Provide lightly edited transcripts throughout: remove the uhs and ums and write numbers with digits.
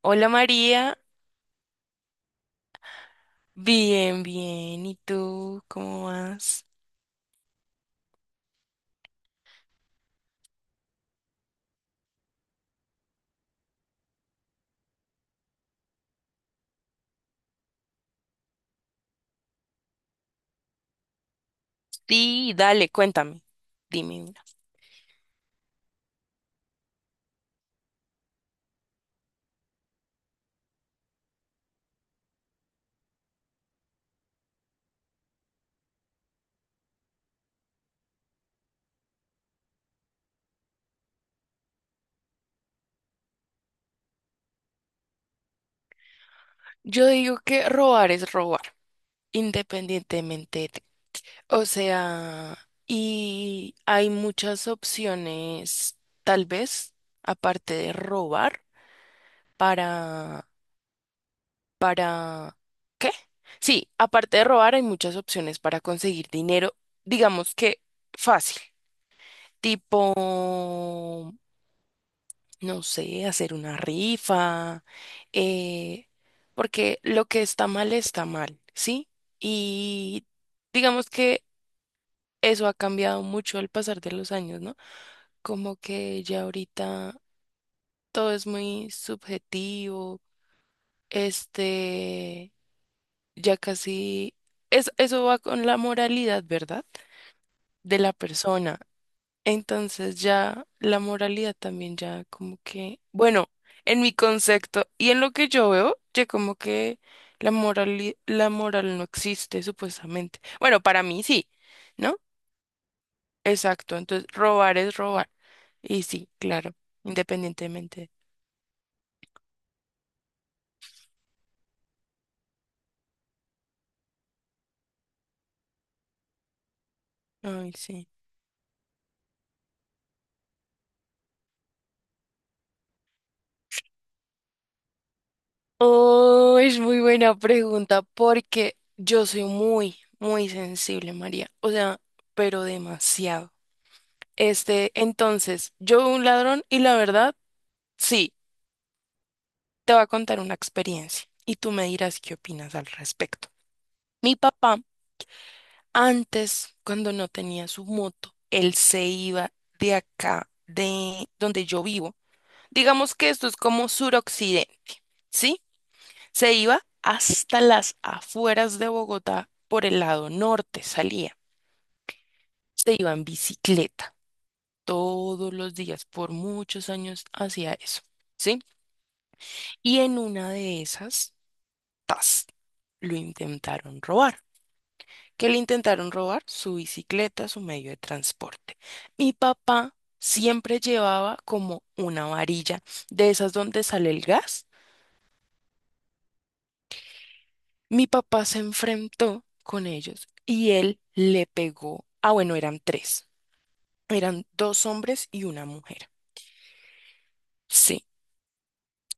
Hola María, bien, bien. ¿Y tú cómo vas? Sí, dale, cuéntame. Dime, mira. Yo digo que robar es robar, independientemente. O sea, y hay muchas opciones, tal vez, aparte de robar, para, para ¿qué? Sí, aparte de robar, hay muchas opciones para conseguir dinero, digamos que fácil, tipo, no sé, hacer una rifa, eh, porque lo que está mal, ¿sí? Y digamos que eso ha cambiado mucho al pasar de los años, ¿no? Como que ya ahorita todo es muy subjetivo, este, ya casi, es, eso va con la moralidad, ¿verdad? De la persona. Entonces ya la moralidad también ya como que, bueno, en mi concepto y en lo que yo veo, ya como que la moral no existe supuestamente. Bueno, para mí sí, ¿no? Exacto, entonces robar es robar. Y sí, claro, independientemente. Ay, sí. Oh, es muy buena pregunta porque yo soy muy, muy sensible, María. O sea, pero demasiado. Este, entonces, yo un ladrón y la verdad, sí, te voy a contar una experiencia y tú me dirás qué opinas al respecto. Mi papá, antes, cuando no tenía su moto, él se iba de acá, de donde yo vivo. Digamos que esto es como suroccidente, ¿sí? Se iba hasta las afueras de Bogotá por el lado norte, salía. Se iba en bicicleta todos los días, por muchos años hacía eso, ¿sí? Y en una de esas, tas, lo intentaron robar. ¿Qué le intentaron robar? Su bicicleta, su medio de transporte. Mi papá siempre llevaba como una varilla de esas donde sale el gas. Mi papá se enfrentó con ellos y él le pegó. Ah, bueno, eran tres. Eran dos hombres y una mujer. Sí,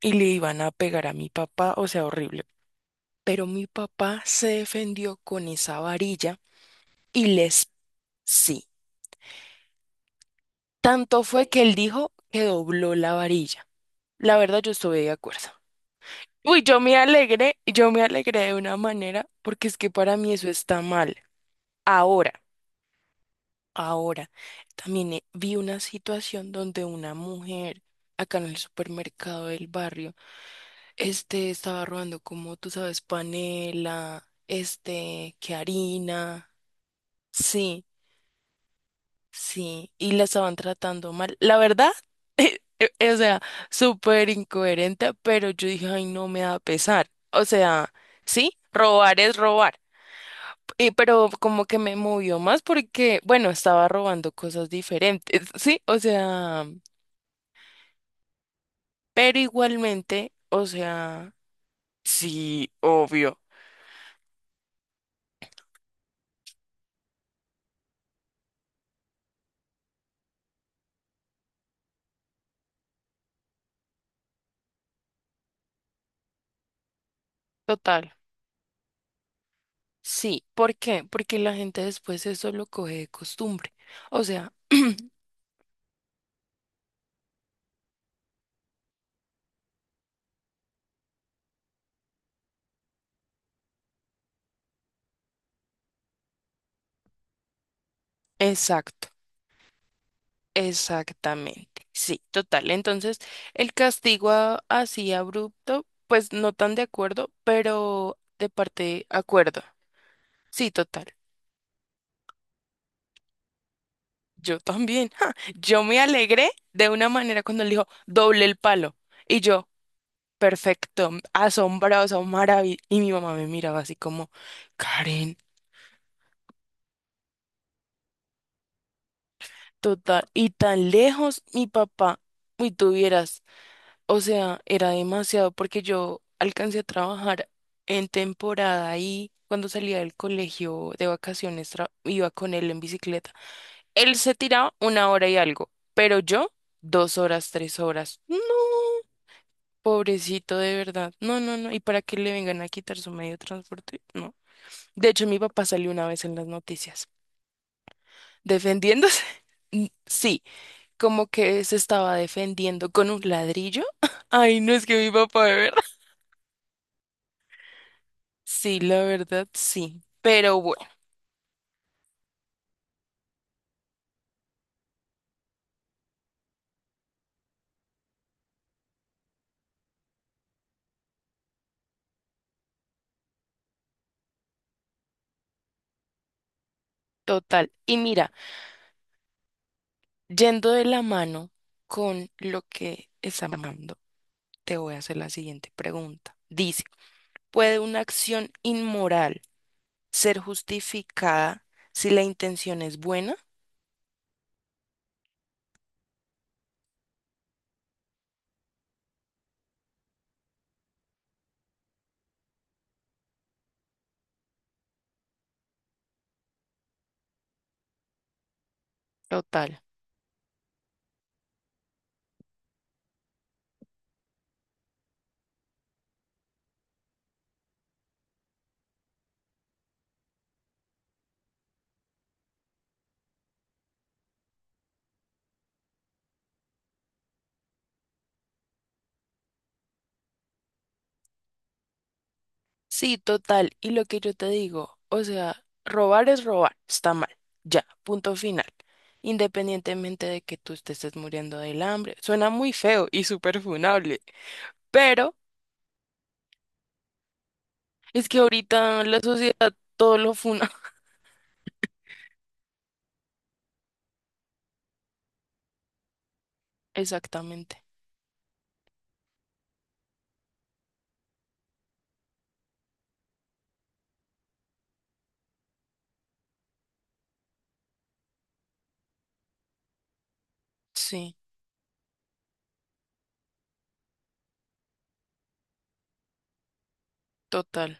y le iban a pegar a mi papá, o sea, horrible. Pero mi papá se defendió con esa varilla y les... Sí, tanto fue que él dijo que dobló la varilla. La verdad, yo estuve de acuerdo. Uy, yo me alegré de una manera porque es que para mí eso está mal. Ahora. Ahora, también vi una situación donde una mujer acá en el supermercado del barrio, estaba robando como tú sabes, panela, que harina, sí, sí, y la estaban tratando mal. La verdad, o sea, súper incoherente, pero yo dije, ay, no me da pesar. O sea, sí, robar es robar. Y, pero como que me movió más porque, bueno, estaba robando cosas diferentes, ¿sí? O sea... Pero igualmente, o sea, sí, obvio. Total, sí. ¿Por qué? Porque la gente después eso lo coge de costumbre. O sea, exacto, exactamente. Sí, total. Entonces, el castigo así abrupto, pues no tan de acuerdo, pero de parte acuerdo. Sí, total. Yo también. ja, yo me alegré de una manera cuando le dijo doble el palo. Y yo. Perfecto, asombroso, maravilloso. Y mi mamá me miraba así como, Karen, total, y tan lejos mi papá, y tuvieras, o sea, era demasiado porque yo alcancé a trabajar en temporada y cuando salía del colegio de vacaciones iba con él en bicicleta. Él se tiraba una hora y algo, pero yo dos horas, tres horas. No, pobrecito, de verdad. No, no, no. ¿Y para qué le vengan a quitar su medio de transporte? No. De hecho, mi papá salió una vez en las noticias defendiéndose. Mm, sí, como que se estaba defendiendo con un ladrillo. Ay, no, es que mi papá, de verdad. Sí, la verdad, sí. Pero bueno, total. Y mira, yendo de la mano con lo que está hablando, te voy a hacer la siguiente pregunta. Dice, ¿puede una acción inmoral ser justificada si la intención es buena? Total. Sí, total. Y lo que yo te digo, o sea, robar es robar, está mal. Ya, punto final. Independientemente de que tú te estés muriendo del hambre. Suena muy feo y súper funable, pero es que ahorita la sociedad todo lo funa. Exactamente. Sí, total.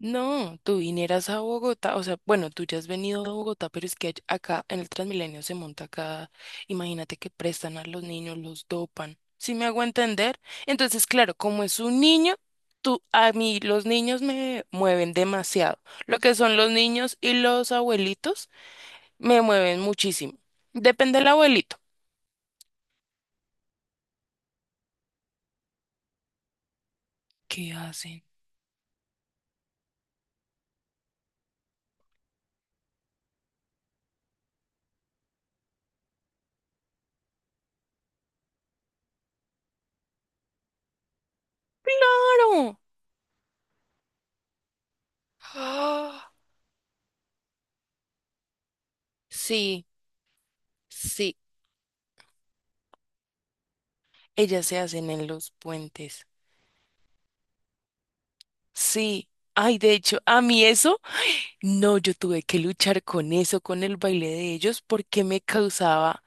No, tú vinieras a Bogotá, o sea, bueno, tú ya has venido a Bogotá, pero es que acá en el Transmilenio se monta acá, imagínate que prestan a los niños, los dopan, ¿sí me hago entender? Entonces, claro, como es un niño, tú, a mí los niños me mueven demasiado, lo que son los niños y los abuelitos me mueven muchísimo, depende del abuelito. ¿Qué hacen? ¡Claro! ¡Ah! Sí, sí, ellas se hacen en los puentes. Sí, ay, de hecho, a mí eso, no, yo tuve que luchar con eso, con el baile de ellos, porque me causaba,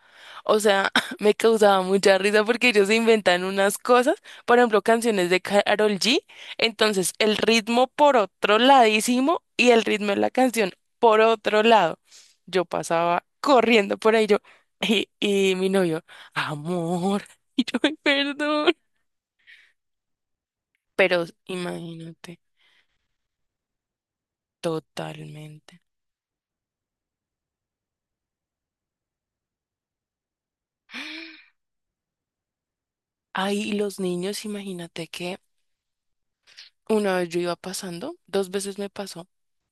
o sea, me causaba mucha risa porque ellos se inventan unas cosas, por ejemplo, canciones de Karol G, entonces el ritmo por otro ladísimo y el ritmo de la canción por otro lado. Yo pasaba corriendo por ahí, yo, y mi novio, amor, y yo, "Ay, perdón. Pero imagínate, totalmente. Ay, y los niños, imagínate que una vez yo iba pasando, dos veces me pasó.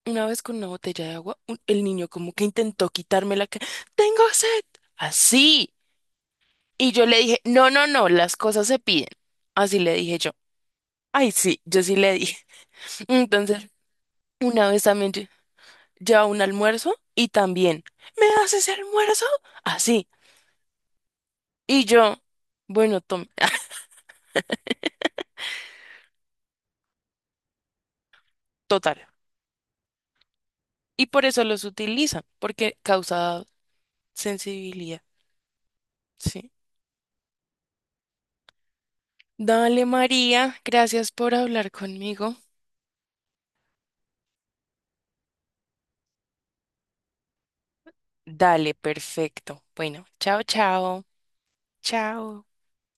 Una vez con una botella de agua, el niño como que intentó quitarme la que tengo sed, así. Y yo le dije, no, no, no, las cosas se piden. Así le dije yo. Ay, sí, yo sí le dije. Entonces, una vez también llevaba un almuerzo y también, ¿me das ese almuerzo? Así. Y yo, bueno, tome, total. Y por eso los utilizan, porque causa sensibilidad, sí. Dale, María, gracias por hablar conmigo. Dale, perfecto. Bueno, chao, chao. Chao.